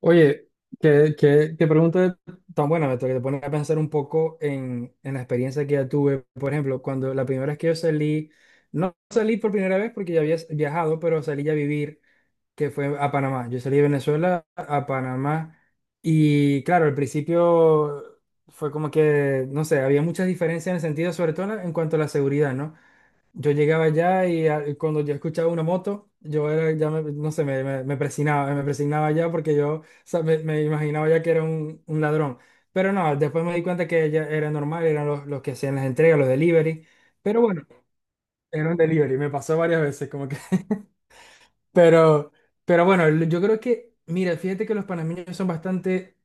Oye, qué pregunta tan buena, Beto, que te pone a pensar un poco en la experiencia que ya tuve. Por ejemplo, cuando la primera vez que yo salí, no salí por primera vez porque ya había viajado, pero salí ya a vivir, que fue a Panamá. Yo salí de Venezuela a Panamá y claro, al principio fue como que, no sé, había muchas diferencias en el sentido, sobre todo en cuanto a la seguridad, ¿no? Yo llegaba allá y cuando yo escuchaba una moto, yo era, no sé, me presionaba ya porque yo, o sea, me imaginaba ya que era un ladrón. Pero no, después me di cuenta que ya era normal, eran los que hacían las entregas, los delivery. Pero bueno, era un delivery, me pasó varias veces, como que. Pero, pero bueno, yo creo que, mira, fíjate que los panameños son bastante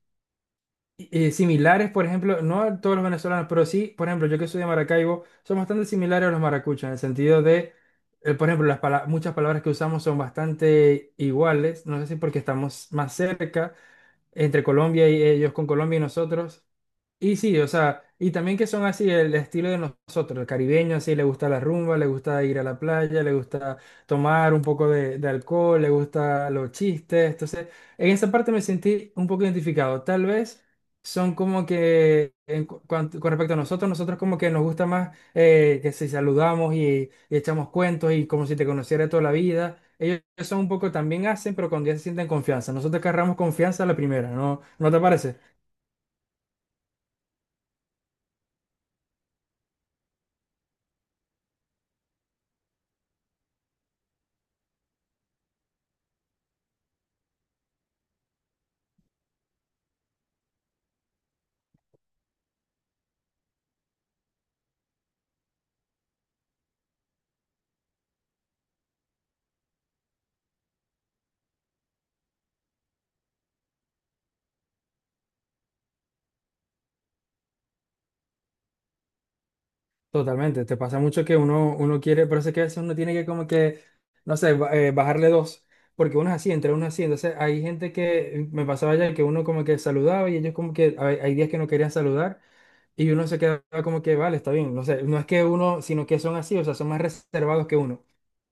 similares, por ejemplo, no a todos los venezolanos, pero sí, por ejemplo, yo que soy de Maracaibo, son bastante similares a los maracuchos, en el sentido de, por ejemplo, muchas palabras que usamos son bastante iguales, no sé si porque estamos más cerca entre Colombia y ellos con Colombia y nosotros, y sí, o sea, y también que son así el estilo de nosotros, el caribeño, así le gusta la rumba, le gusta ir a la playa, le gusta tomar un poco de alcohol, le gusta los chistes. Entonces, en esa parte me sentí un poco identificado. Tal vez son como que, con respecto a nosotros, nosotros como que nos gusta más que si saludamos y echamos cuentos y como si te conociera toda la vida. Ellos son un poco también hacen, pero cuando ya se sienten confianza. Nosotros agarramos confianza a la primera, ¿no? ¿No te parece? Totalmente, te pasa mucho que uno quiere, pero es que a veces uno tiene que como que, no sé, bajarle dos, porque uno es así, entre uno es así, entonces hay gente que me pasaba ya que uno como que saludaba y ellos como que hay días que no querían saludar y uno se quedaba como que, vale, está bien, no sé, no es que uno, sino que son así, o sea, son más reservados que uno.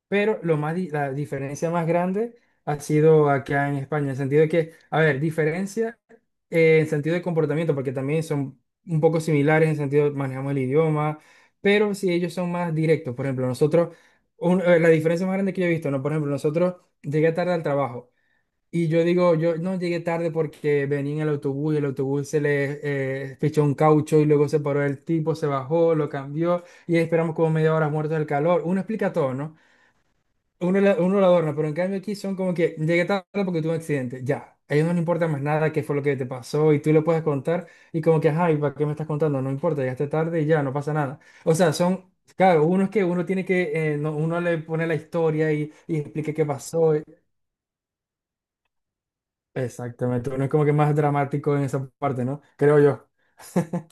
Pero la diferencia más grande ha sido acá en España, en el sentido de que, a ver, diferencia en sentido de comportamiento, porque también son un poco similares en sentido de manejamos el idioma, pero si ellos son más directos, por ejemplo, nosotros, la diferencia más grande que yo he visto, ¿no? Por ejemplo, nosotros llegué tarde al trabajo y yo digo, yo no llegué tarde porque venía en el autobús y el autobús se le fichó un caucho y luego se paró el tipo, se bajó, lo cambió y esperamos como media hora muertos del calor. Uno explica todo, ¿no? Uno lo adorna, pero en cambio aquí son como que llegué tarde porque tuve un accidente, ya. A ellos no les importa más nada qué fue lo que te pasó y tú lo puedes contar y como que, ay, ¿para qué me estás contando? No importa, llegaste tarde y ya, no pasa nada. O sea, son, claro, uno es que uno tiene que, uno le pone la historia y explique qué pasó. Exactamente, uno es como que más dramático en esa parte, ¿no? Creo yo.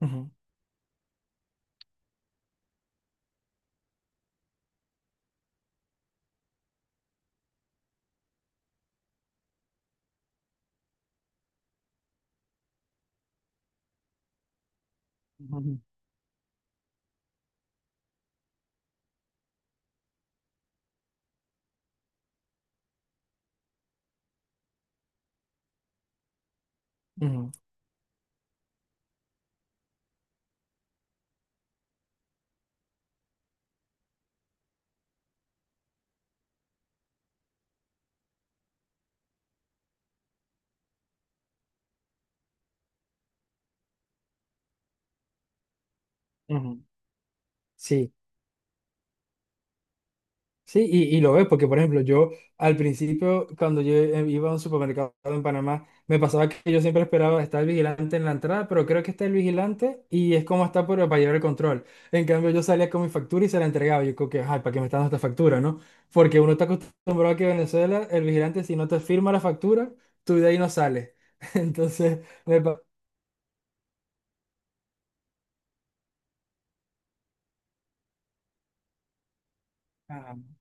Ujú, ujú, ujú, ujú. Sí. Sí, y lo ves, porque por ejemplo, yo al principio, cuando yo iba a un supermercado en Panamá, me pasaba que yo siempre esperaba estar el vigilante en la entrada, pero creo que está el vigilante y es como está para llevar el control. En cambio, yo salía con mi factura y se la entregaba. Yo creo que, ay, ¿para qué me está dando esta factura, no? Porque uno está acostumbrado a que en Venezuela, el vigilante, si no te firma la factura, tú de ahí no sales. Entonces, me, pa-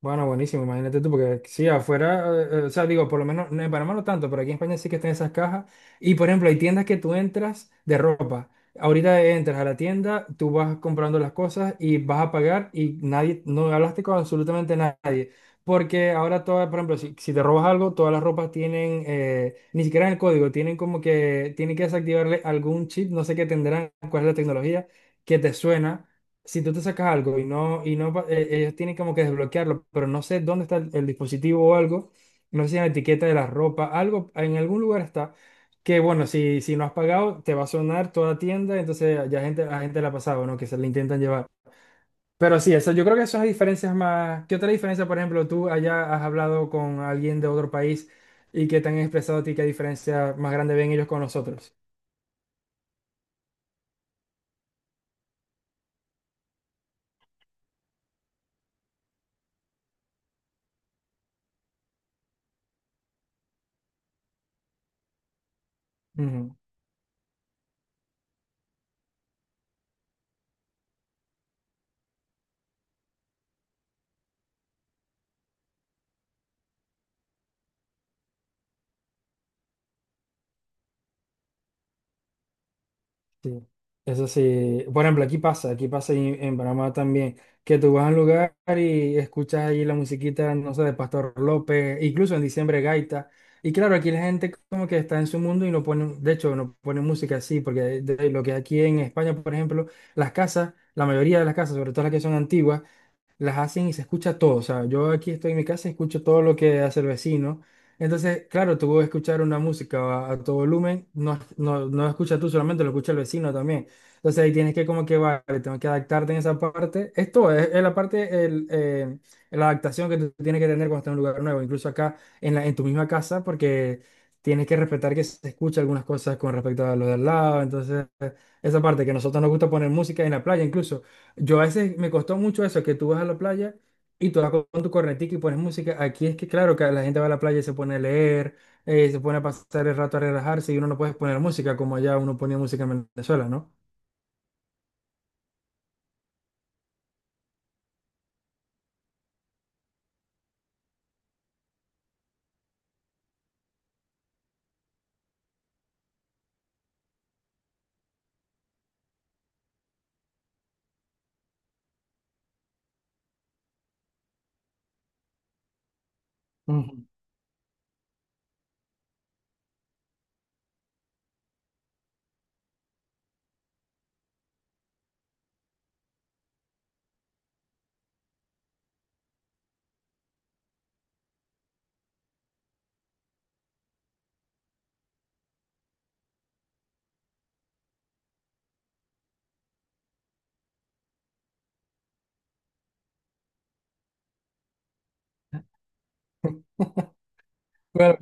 bueno, buenísimo, imagínate tú, porque sí, afuera, o sea, digo, por lo menos, no, en Panamá no tanto, pero aquí en España sí que están esas cajas. Y por ejemplo, hay tiendas que tú entras de ropa. Ahorita entras a la tienda, tú vas comprando las cosas y vas a pagar y nadie, no hablaste con absolutamente nadie. Porque ahora todas, por ejemplo, si te robas algo, todas las ropas tienen, ni siquiera en el código, tienen como que, tienen que desactivarle algún chip, no sé qué tendrán, cuál es la tecnología que te suena si tú te sacas algo y no, ellos tienen como que desbloquearlo, pero no sé dónde está el dispositivo o algo, no sé si en la etiqueta de la ropa, algo, en algún lugar está, que bueno, si no has pagado, te va a sonar toda tienda, entonces a gente la ha pasado, ¿no? Que se la intentan llevar. Pero sí, eso, yo creo que esas diferencias más, ¿qué otra diferencia, por ejemplo, tú allá has hablado con alguien de otro país y que te han expresado a ti qué diferencia más grande ven ellos con nosotros? Sí, eso sí. Por ejemplo, aquí pasa y en Panamá también, que tú vas a un lugar y escuchas allí la musiquita, no sé, de Pastor López, incluso en diciembre gaita. Y claro, aquí la gente como que está en su mundo y no pone, de hecho, no pone música así, porque de lo que aquí en España, por ejemplo, las casas, la mayoría de las casas, sobre todo las que son antiguas, las hacen y se escucha todo. O sea, yo aquí estoy en mi casa y escucho todo lo que hace el vecino. Entonces, claro, tú puedes escuchar una música a tu volumen, no la escuchas tú solamente, lo escucha el vecino también. Entonces ahí tienes que como que, vale, tengo que adaptarte en esa parte. Esto es la parte, la adaptación que tú tienes que tener cuando estás en un lugar nuevo, incluso acá en tu misma casa, porque tienes que respetar que se escucha algunas cosas con respecto a lo de al lado. Entonces, esa parte que a nosotros nos gusta poner música en la playa incluso. Yo a veces me costó mucho eso, que tú vas a la playa y tú vas con tu cornetica y pones música. Aquí es que claro que la gente va a la playa y se pone a leer, se pone a pasar el rato a relajarse y uno no puede poner música como allá uno ponía música en Venezuela, ¿no? Ujú. Bueno,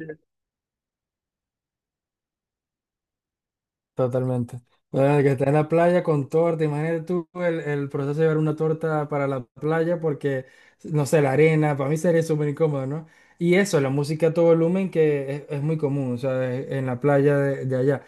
totalmente. Bueno, que está en la playa con torta, imagínate tú el proceso de llevar una torta para la playa porque, no sé, la arena, para mí sería súper incómodo, ¿no? Y eso, la música a todo volumen que es muy común, o sea, en la playa de allá.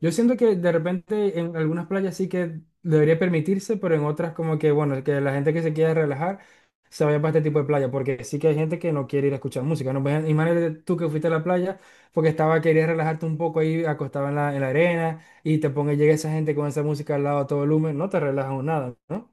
Yo siento que de repente en algunas playas sí que debería permitirse, pero en otras como que, bueno, que la gente que se quiera relajar se vaya para este tipo de playa, porque sí que hay gente que no quiere ir a escuchar música, ¿no? Pues, imagínate tú que fuiste a la playa porque estaba, querías relajarte un poco ahí acostado en la arena y te ponga, llega esa gente con esa música al lado a todo volumen, no te relajas nada, ¿no?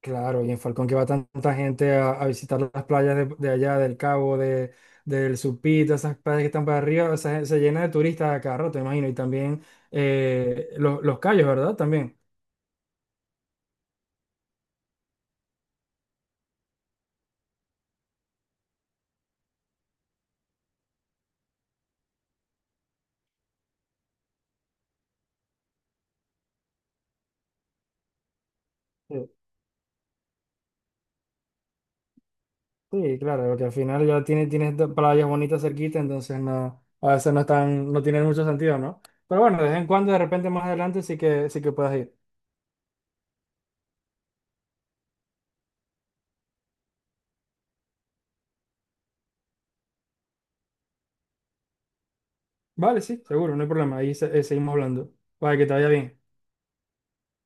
Claro, y en Falcón que va tanta gente a visitar las playas de allá, del Cabo, del Supí, todas esas playas que están para arriba, o sea, se llena de turistas a cada rato, me imagino, y también los cayos, ¿verdad? También. Sí, sí, claro, porque al final ya tienes estas playas bonitas cerquita, entonces no, a veces no están, no tienen mucho sentido, ¿no? Pero bueno, de vez en cuando, de repente más adelante sí que puedas ir. Vale, sí, seguro, no hay problema, ahí seguimos hablando. Vale, que te vaya bien.